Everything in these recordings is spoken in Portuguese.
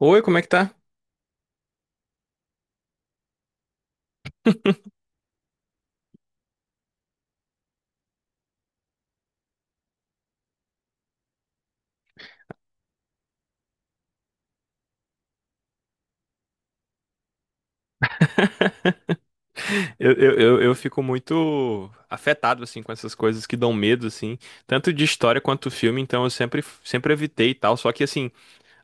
Oi, como é que tá? Eu fico muito afetado, assim, com essas coisas que dão medo, assim, tanto de história quanto filme, então eu sempre evitei e tal. Só que, assim,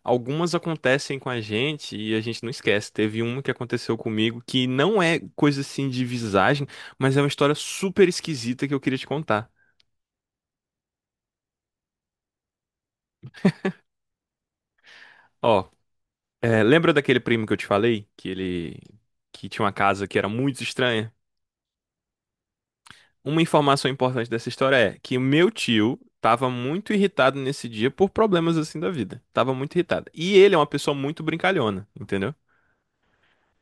algumas acontecem com a gente e a gente não esquece. Teve uma que aconteceu comigo que não é coisa, assim, de visagem, mas é uma história super esquisita que eu queria te contar. Ó, lembra daquele primo que eu te falei? Que tinha uma casa que era muito estranha? Uma informação importante dessa história é que o meu tio tava muito irritado nesse dia por problemas assim da vida. Tava muito irritado. E ele é uma pessoa muito brincalhona, entendeu?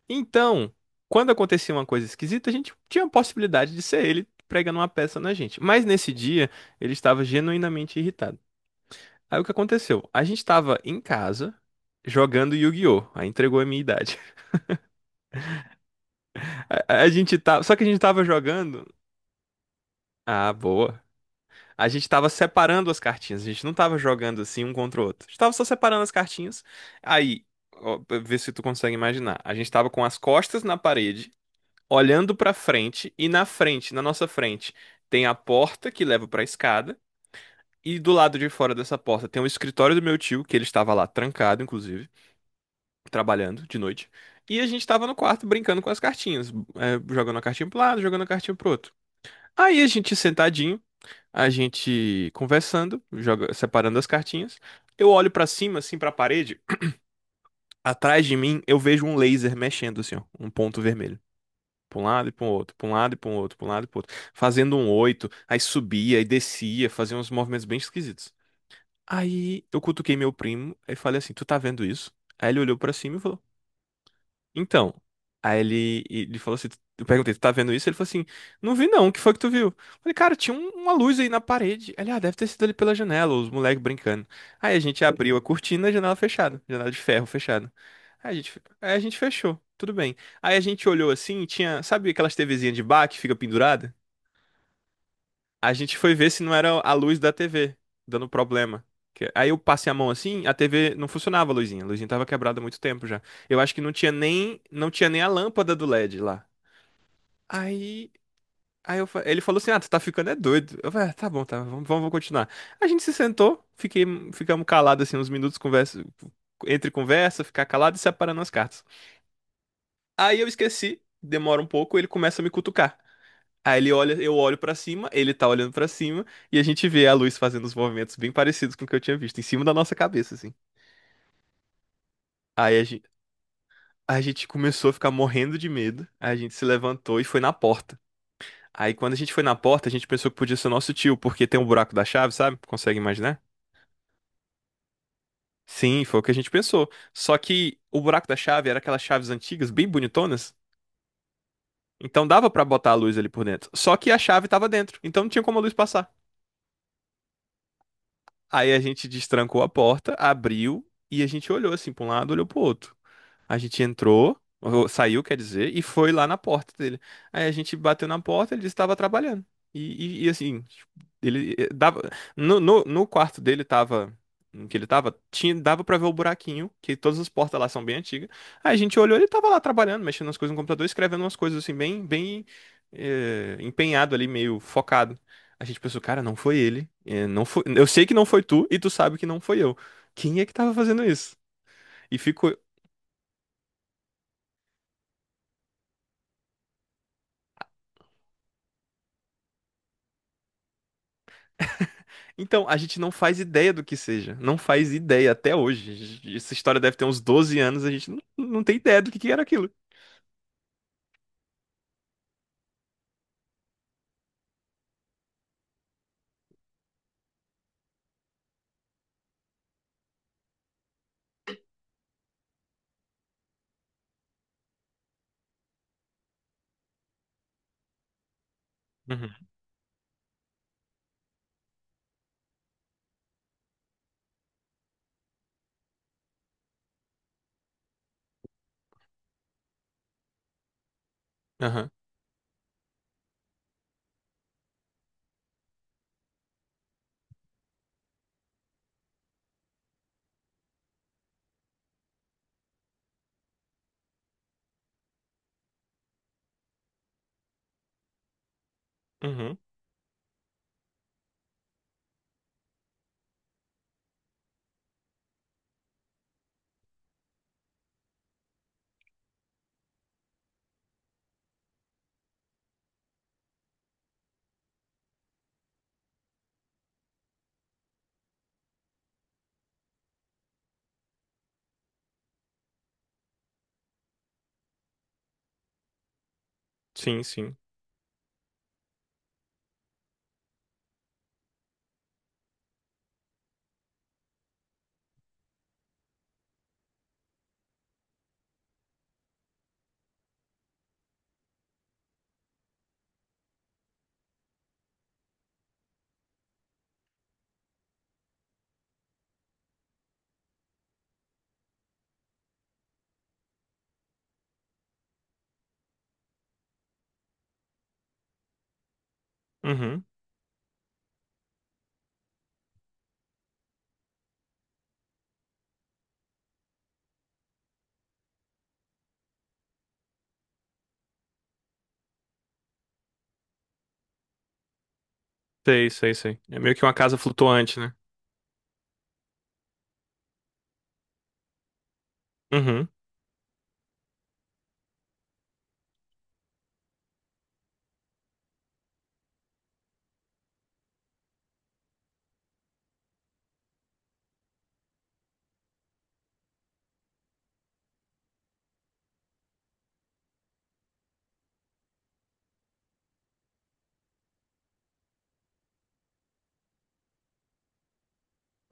Então, quando acontecia uma coisa esquisita, a gente tinha a possibilidade de ser ele pregando uma peça na gente. Mas nesse dia, ele estava genuinamente irritado. Aí o que aconteceu? A gente estava em casa jogando Yu-Gi-Oh! Aí entregou a minha idade. A gente tava, só que a gente tava jogando. Ah, boa. A gente tava separando as cartinhas, a gente não tava jogando assim um contra o outro. A gente tava só separando as cartinhas. Aí, ó, pra ver se tu consegue imaginar. A gente tava com as costas na parede, olhando pra frente, e na frente, na nossa frente, tem a porta que leva pra escada, e do lado de fora dessa porta tem o escritório do meu tio, que ele estava lá trancado, inclusive, trabalhando de noite. E a gente tava no quarto brincando com as cartinhas, jogando a cartinha pro lado, jogando a cartinha pro outro. Aí a gente sentadinho a gente conversando, joga, separando as cartinhas. Eu olho pra cima, assim, pra parede. Atrás de mim, eu vejo um laser mexendo, assim, ó, um ponto vermelho. Pra um lado e pra um outro, pra um lado e pra um outro, pra um lado e pro outro. Fazendo um oito, aí subia e descia, fazia uns movimentos bem esquisitos. Aí eu cutuquei meu primo e falei assim: Tu tá vendo isso? Aí ele olhou pra cima e falou: Então, aí ele falou assim, eu perguntei, tu tá vendo isso? Ele falou assim, não vi não, o que foi que tu viu? Eu falei, cara, tinha uma luz aí na parede. Ele, ah, deve ter sido ali pela janela, os moleques brincando. Aí a gente abriu a cortina, a janela fechada, janela de ferro fechada. Aí a gente fechou, tudo bem. Aí a gente olhou assim, tinha, sabe aquelas TVzinhas de bar que fica pendurada? A gente foi ver se não era a luz da TV dando problema. Aí eu passei a mão assim, a TV não funcionava, a luzinha. A luzinha tava quebrada há muito tempo já. Eu acho que não tinha nem, não tinha nem a lâmpada do LED lá. Aí, aí, ele falou assim: Ah, tu tá ficando é doido. Eu falei: ah, tá bom, tá, vamos continuar. A gente se sentou, ficamos calados assim uns minutos, conversa, entre conversa, ficar calado e separando as cartas. Aí eu esqueci, demora um pouco, ele começa a me cutucar. Aí ele olha, eu olho pra cima, ele tá olhando pra cima e a gente vê a luz fazendo os movimentos bem parecidos com o que eu tinha visto em cima da nossa cabeça, assim. Aí a gente começou a ficar morrendo de medo. Aí a gente se levantou e foi na porta. Aí quando a gente foi na porta, a gente pensou que podia ser nosso tio, porque tem um buraco da chave, sabe? Consegue imaginar? Sim, foi o que a gente pensou. Só que o buraco da chave era aquelas chaves antigas, bem bonitonas. Então dava pra botar a luz ali por dentro. Só que a chave tava dentro, então não tinha como a luz passar. Aí a gente destrancou a porta, abriu e a gente olhou assim pra um lado, olhou pro outro. A gente entrou, ou saiu, quer dizer, e foi lá na porta dele. Aí a gente bateu na porta, ele disse que estava trabalhando. E, assim, tipo, ele dava. No quarto dele tava. Em que ele tava, tinha, dava pra ver o buraquinho, que todas as portas lá são bem antigas. Aí a gente olhou, ele tava lá trabalhando, mexendo nas coisas no computador, escrevendo umas coisas assim, bem, bem empenhado ali, meio focado. A gente pensou, cara, não foi ele. Não foi, eu sei que não foi tu, e tu sabe que não foi eu. Quem é que tava fazendo isso? E ficou, Então, a gente não faz ideia do que seja. Não faz ideia até hoje. Essa história deve ter uns 12 anos, a gente não tem ideia do que era aquilo. Uhum. Aham. Uhum. Sim, sim. Uhum. Sei, sei, sei. É meio que uma casa flutuante, né? Uhum.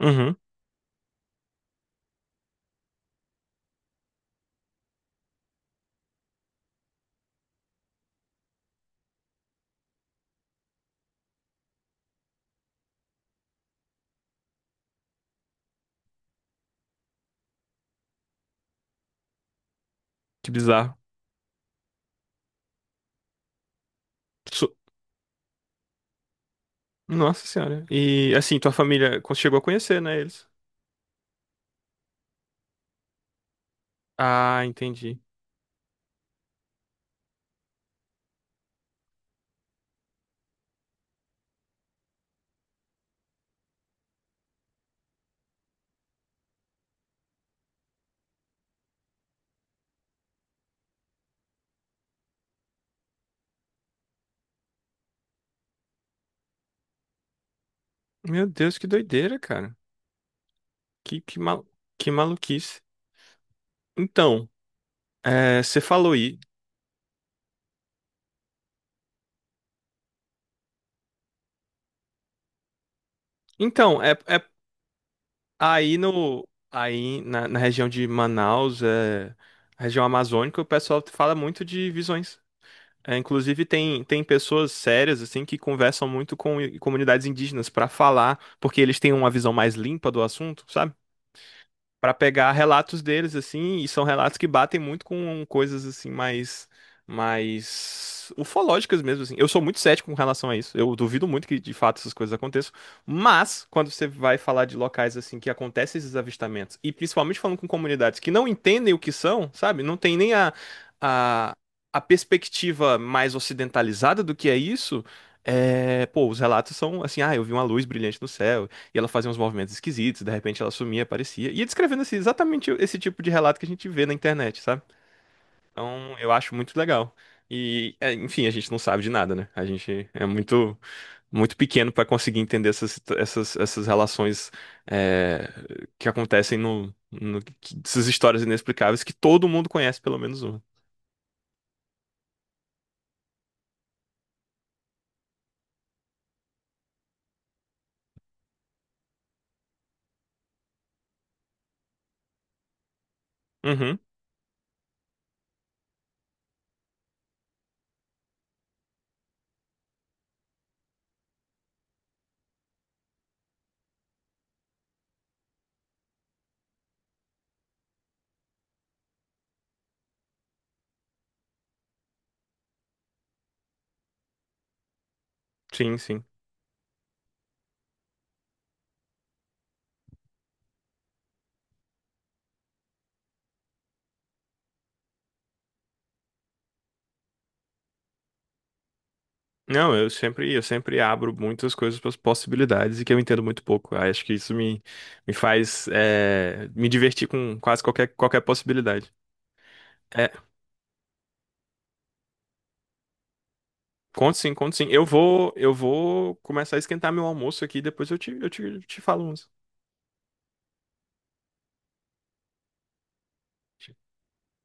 Uhum. Que bizarro. Su- Nossa senhora. E assim, tua família chegou a conhecer, né, eles? Ah, entendi. Meu Deus, que doideira, cara. Que, que, mal... que maluquice. Então, é, você falou aí. Então, Aí no aí na, na região de Manaus, é, região amazônica, o pessoal fala muito de visões. É, inclusive tem pessoas sérias assim que conversam muito com comunidades indígenas para falar, porque eles têm uma visão mais limpa do assunto, sabe? Para pegar relatos deles assim, e são relatos que batem muito com coisas assim mais ufológicas mesmo assim. Eu sou muito cético com relação a isso. Eu duvido muito que de fato essas coisas aconteçam, mas quando você vai falar de locais assim que acontecem esses avistamentos e principalmente falando com comunidades que não entendem o que são, sabe? Não tem nem a a, a perspectiva mais ocidentalizada do que é isso. É, pô, os relatos são assim, ah, eu vi uma luz brilhante no céu. E ela fazia uns movimentos esquisitos, de repente ela sumia, aparecia. E ia descrevendo esse, exatamente esse tipo de relato que a gente vê na internet, sabe? Então eu acho muito legal. E, é, enfim, a gente não sabe de nada, né? A gente é muito, muito pequeno para conseguir entender essas, essas relações é, que acontecem no, essas histórias inexplicáveis que todo mundo conhece, pelo menos uma. Uhum, sim, sim. Não, eu sempre abro muitas coisas para as possibilidades e que eu entendo muito pouco. Aí acho que isso me faz me divertir com quase qualquer possibilidade. É, conto sim, conto sim. Eu vou começar a esquentar meu almoço aqui, depois eu te falo uns.